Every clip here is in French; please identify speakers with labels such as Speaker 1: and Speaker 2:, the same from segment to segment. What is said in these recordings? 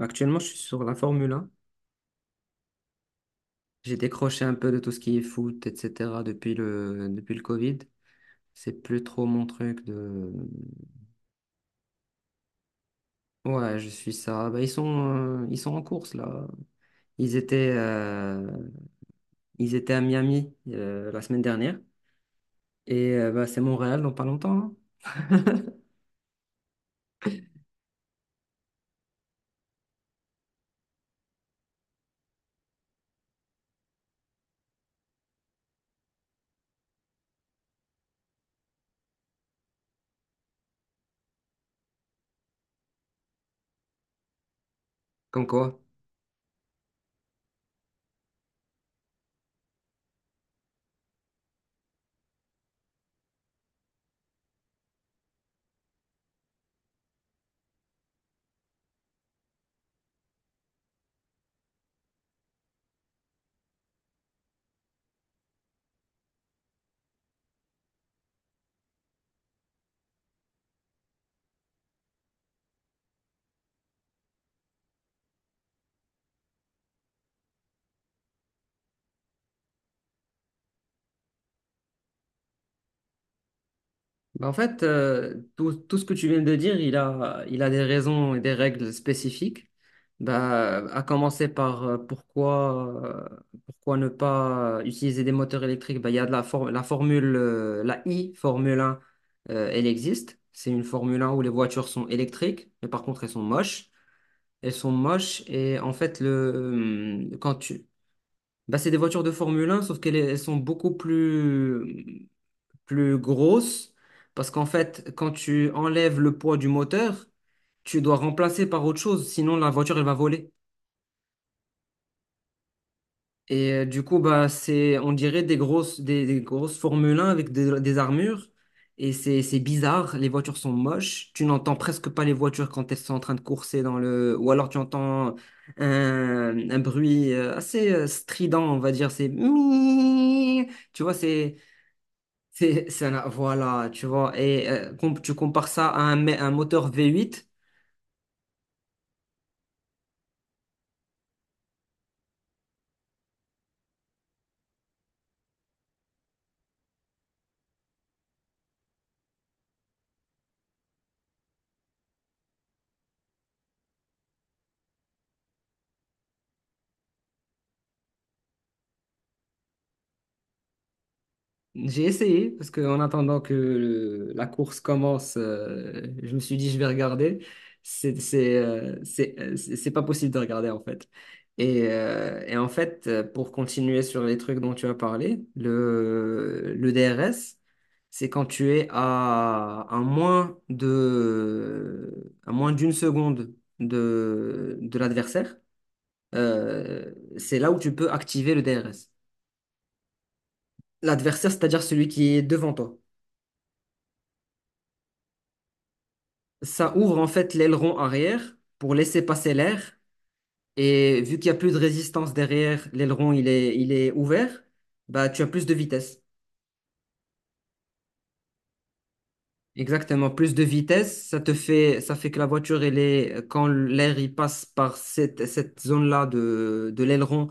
Speaker 1: Actuellement, je suis sur la Formule 1. J'ai décroché un peu de tout ce qui est foot, etc. depuis le Covid. C'est plus trop mon truc de. Ouais, je suis ça. Bah, ils sont en course, là. Ils étaient, euh, ils étaient à Miami la semaine dernière. Bah, c'est Montréal dans pas longtemps, hein. Comme quoi. Bah, en fait, tout ce que tu viens de dire, il a des raisons et des règles spécifiques. Bah, à commencer par pourquoi ne pas utiliser des moteurs électriques. Bah, il y a de la, for- la formule, la I, Formule 1, elle existe. C'est une Formule 1 où les voitures sont électriques, mais par contre, elles sont moches. Elles sont moches et en fait, quand tu. Bah, c'est des voitures de Formule 1, sauf qu'elles elles sont beaucoup plus grosse parce qu'en fait, quand tu enlèves le poids du moteur, tu dois remplacer par autre chose, sinon la voiture elle va voler. Du coup, bah, c'est, on dirait des grosses Formule 1 avec des armures. Et c'est bizarre, les voitures sont moches. Tu n'entends presque pas les voitures quand elles sont en train de courser dans le. Ou alors tu entends un bruit assez strident, on va dire. C'est. Mi Tu vois, c'est. Voilà, tu vois, et tu compares ça à un moteur V8. J'ai essayé, parce que en attendant que la course commence, je me suis dit, je vais regarder. C'est pas possible de regarder, en fait. Et en fait, pour continuer sur les trucs dont tu as parlé, le DRS, c'est quand tu es à à moins d'une seconde de l'adversaire. C'est là où tu peux activer le DRS. L'adversaire, c'est-à-dire celui qui est devant toi. Ça ouvre en fait l'aileron arrière pour laisser passer l'air. Et vu qu'il n'y a plus de résistance derrière, l'aileron il est ouvert, bah tu as plus de vitesse. Exactement, plus de vitesse, ça fait que la voiture, quand l'air il passe par cette zone-là de l'aileron,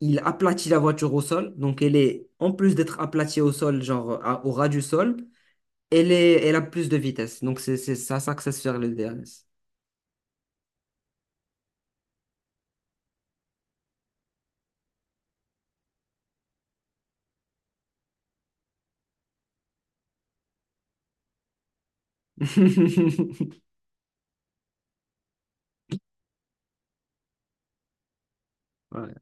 Speaker 1: il aplatit la voiture au sol. Donc elle est, en plus d'être aplatie au sol, genre au ras du sol, elle a plus de vitesse. Donc, ça s'axe sur le DRS. Ouais.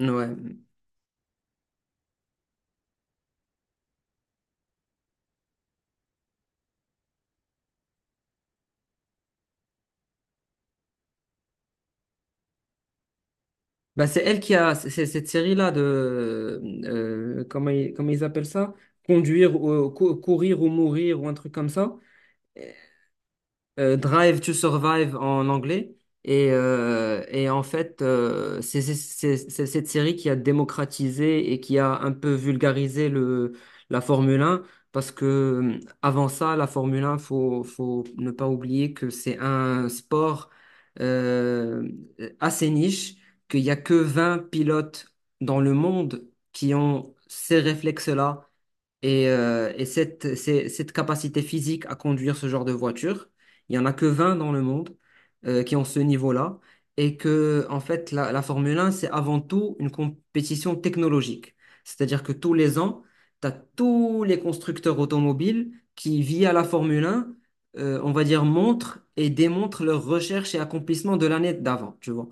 Speaker 1: Ouais. Bah, c'est elle c'est cette série-là de. Comment ils appellent ça? Courir ou mourir ou un truc comme ça. Drive to Survive en anglais. Et en fait, c'est cette série qui a démocratisé et qui a un peu vulgarisé la Formule 1. Parce que avant ça, la Formule 1, faut ne pas oublier que c'est un sport euh, assez niche, qu'il n'y a que 20 pilotes dans le monde qui ont ces réflexes-là et, cette capacité physique à conduire ce genre de voiture, il n'y en a que 20 dans le monde qui ont ce niveau-là. Et que, en fait, la Formule 1, c'est avant tout une compétition technologique. C'est-à-dire que tous les ans, tu as tous les constructeurs automobiles qui, via la Formule 1, on va dire, montrent et démontrent leurs recherches et accomplissements de l'année d'avant, tu vois.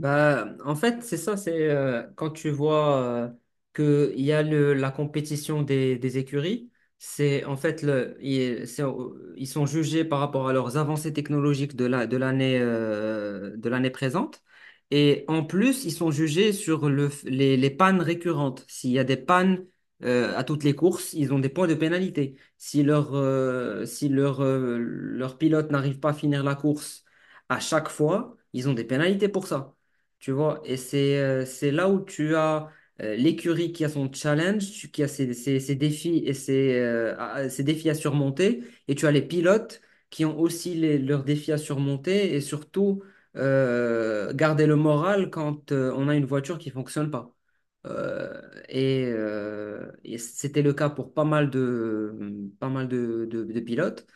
Speaker 1: Bah, en fait, c'est ça, c'est quand tu vois qu'il y a la compétition des écuries, c'est en fait, ils sont jugés par rapport à leurs avancées technologiques de l'année présente. Et en plus, ils sont jugés sur les pannes récurrentes. S'il y a des pannes à toutes les courses, ils ont des points de pénalité. Si leur pilote n'arrive pas à finir la course à chaque fois, ils ont des pénalités pour ça. Tu vois, et c'est là où tu as l'écurie qui a son challenge, qui a ses défis et ses défis à surmonter, et tu as les pilotes qui ont aussi leurs défis à surmonter, et surtout garder le moral quand on a une voiture qui fonctionne pas. Euh, et c'était le cas pour pas mal de pilotes.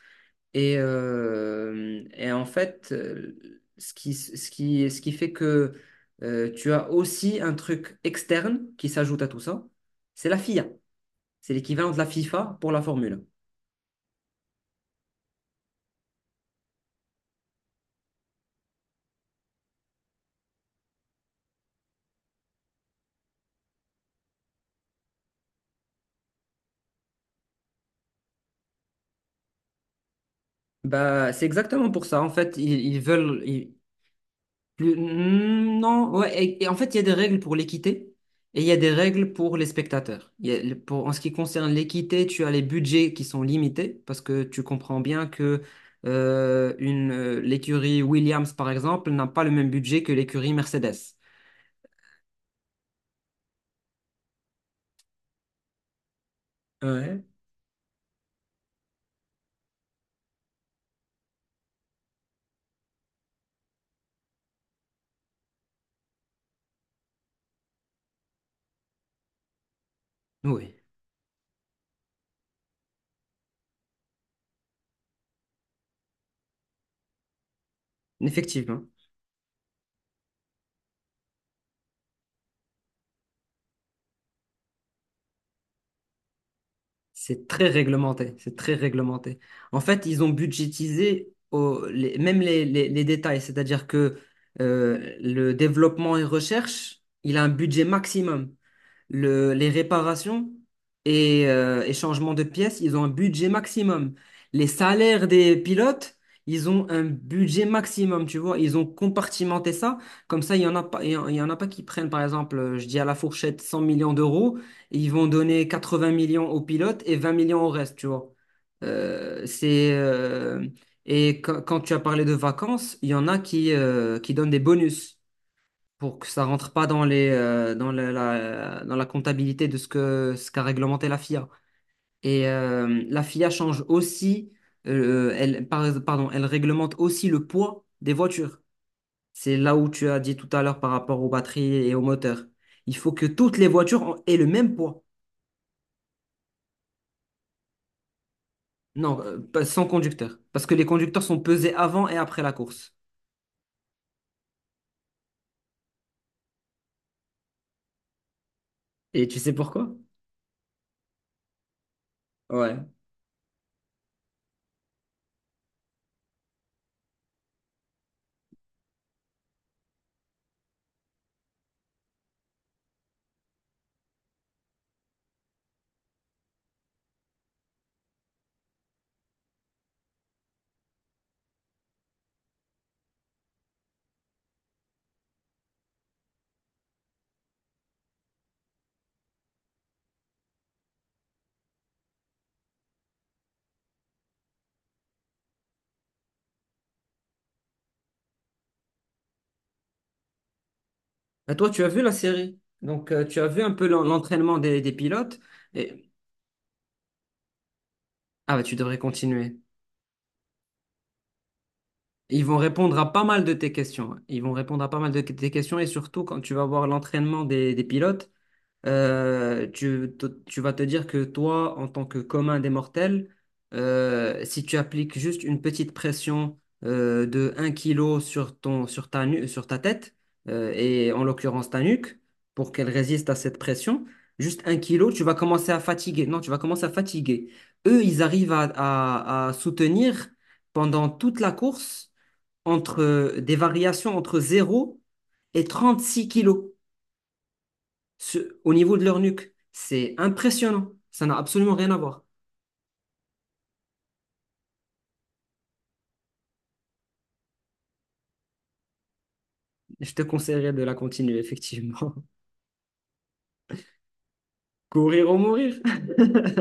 Speaker 1: Et en fait, ce qui fait que tu as aussi un truc externe qui s'ajoute à tout ça, c'est la FIA. C'est l'équivalent de la FIFA pour la Formule 1. Bah, c'est exactement pour ça. En fait, ils veulent. Non, ouais, et en fait, il y a des règles pour l'équité et il y a des règles pour les spectateurs. Il y a le- pour, En ce qui concerne l'équité, tu as les budgets qui sont limités parce que tu comprends bien que l'écurie Williams, par exemple, n'a pas le même budget que l'écurie Mercedes. Ouais. Oui, effectivement. C'est très réglementé, c'est très réglementé. En fait, ils ont budgétisé même les détails, c'est-à-dire que le développement et recherche, il a un budget maximum. Les réparations et changements de pièces, ils ont un budget maximum. Les salaires des pilotes, ils ont un budget maximum, tu vois. Ils ont compartimenté ça. Comme ça, il y en a pas, il y en a pas qui prennent, par exemple, je dis à la fourchette 100 millions d'euros, et ils vont donner 80 millions aux pilotes et 20 millions au reste, tu vois. Euh, c'est, euh, et quand tu as parlé de vacances, il y en a qui donnent des bonus pour que ça rentre pas dans les dans la, la- dans la comptabilité de ce qu'a réglementé la FIA. La FIA change aussi pardon, elle réglemente aussi le poids des voitures. C'est là où tu as dit tout à l'heure par rapport aux batteries et aux moteurs. Il faut que toutes les voitures aient le même poids. Non, sans conducteur. Parce que les conducteurs sont pesés avant et après la course. Et tu sais pourquoi? Ouais. Bah, toi, tu as vu la série. Donc, tu as vu un peu l'entraînement des pilotes. Et, ah, bah, tu devrais continuer. Ils vont répondre à pas mal de tes questions. Ils vont répondre à pas mal de tes questions et surtout quand tu vas voir l'entraînement des pilotes, tu vas te dire que toi, en tant que commun des mortels, si tu appliques juste une petite pression de 1 kilo sur ton, sur ta, nu- sur ta tête, et en l'occurrence ta nuque, pour qu'elle résiste à cette pression, juste 1 kilo, tu vas commencer à fatiguer. Non, tu vas commencer à fatiguer. Eux, ils arrivent à soutenir pendant toute la course entre des variations entre 0 et 36 kilos. Au niveau de leur nuque, c'est impressionnant. Ça n'a absolument rien à voir. Je te conseillerais de la continuer, effectivement. Courir ou mourir.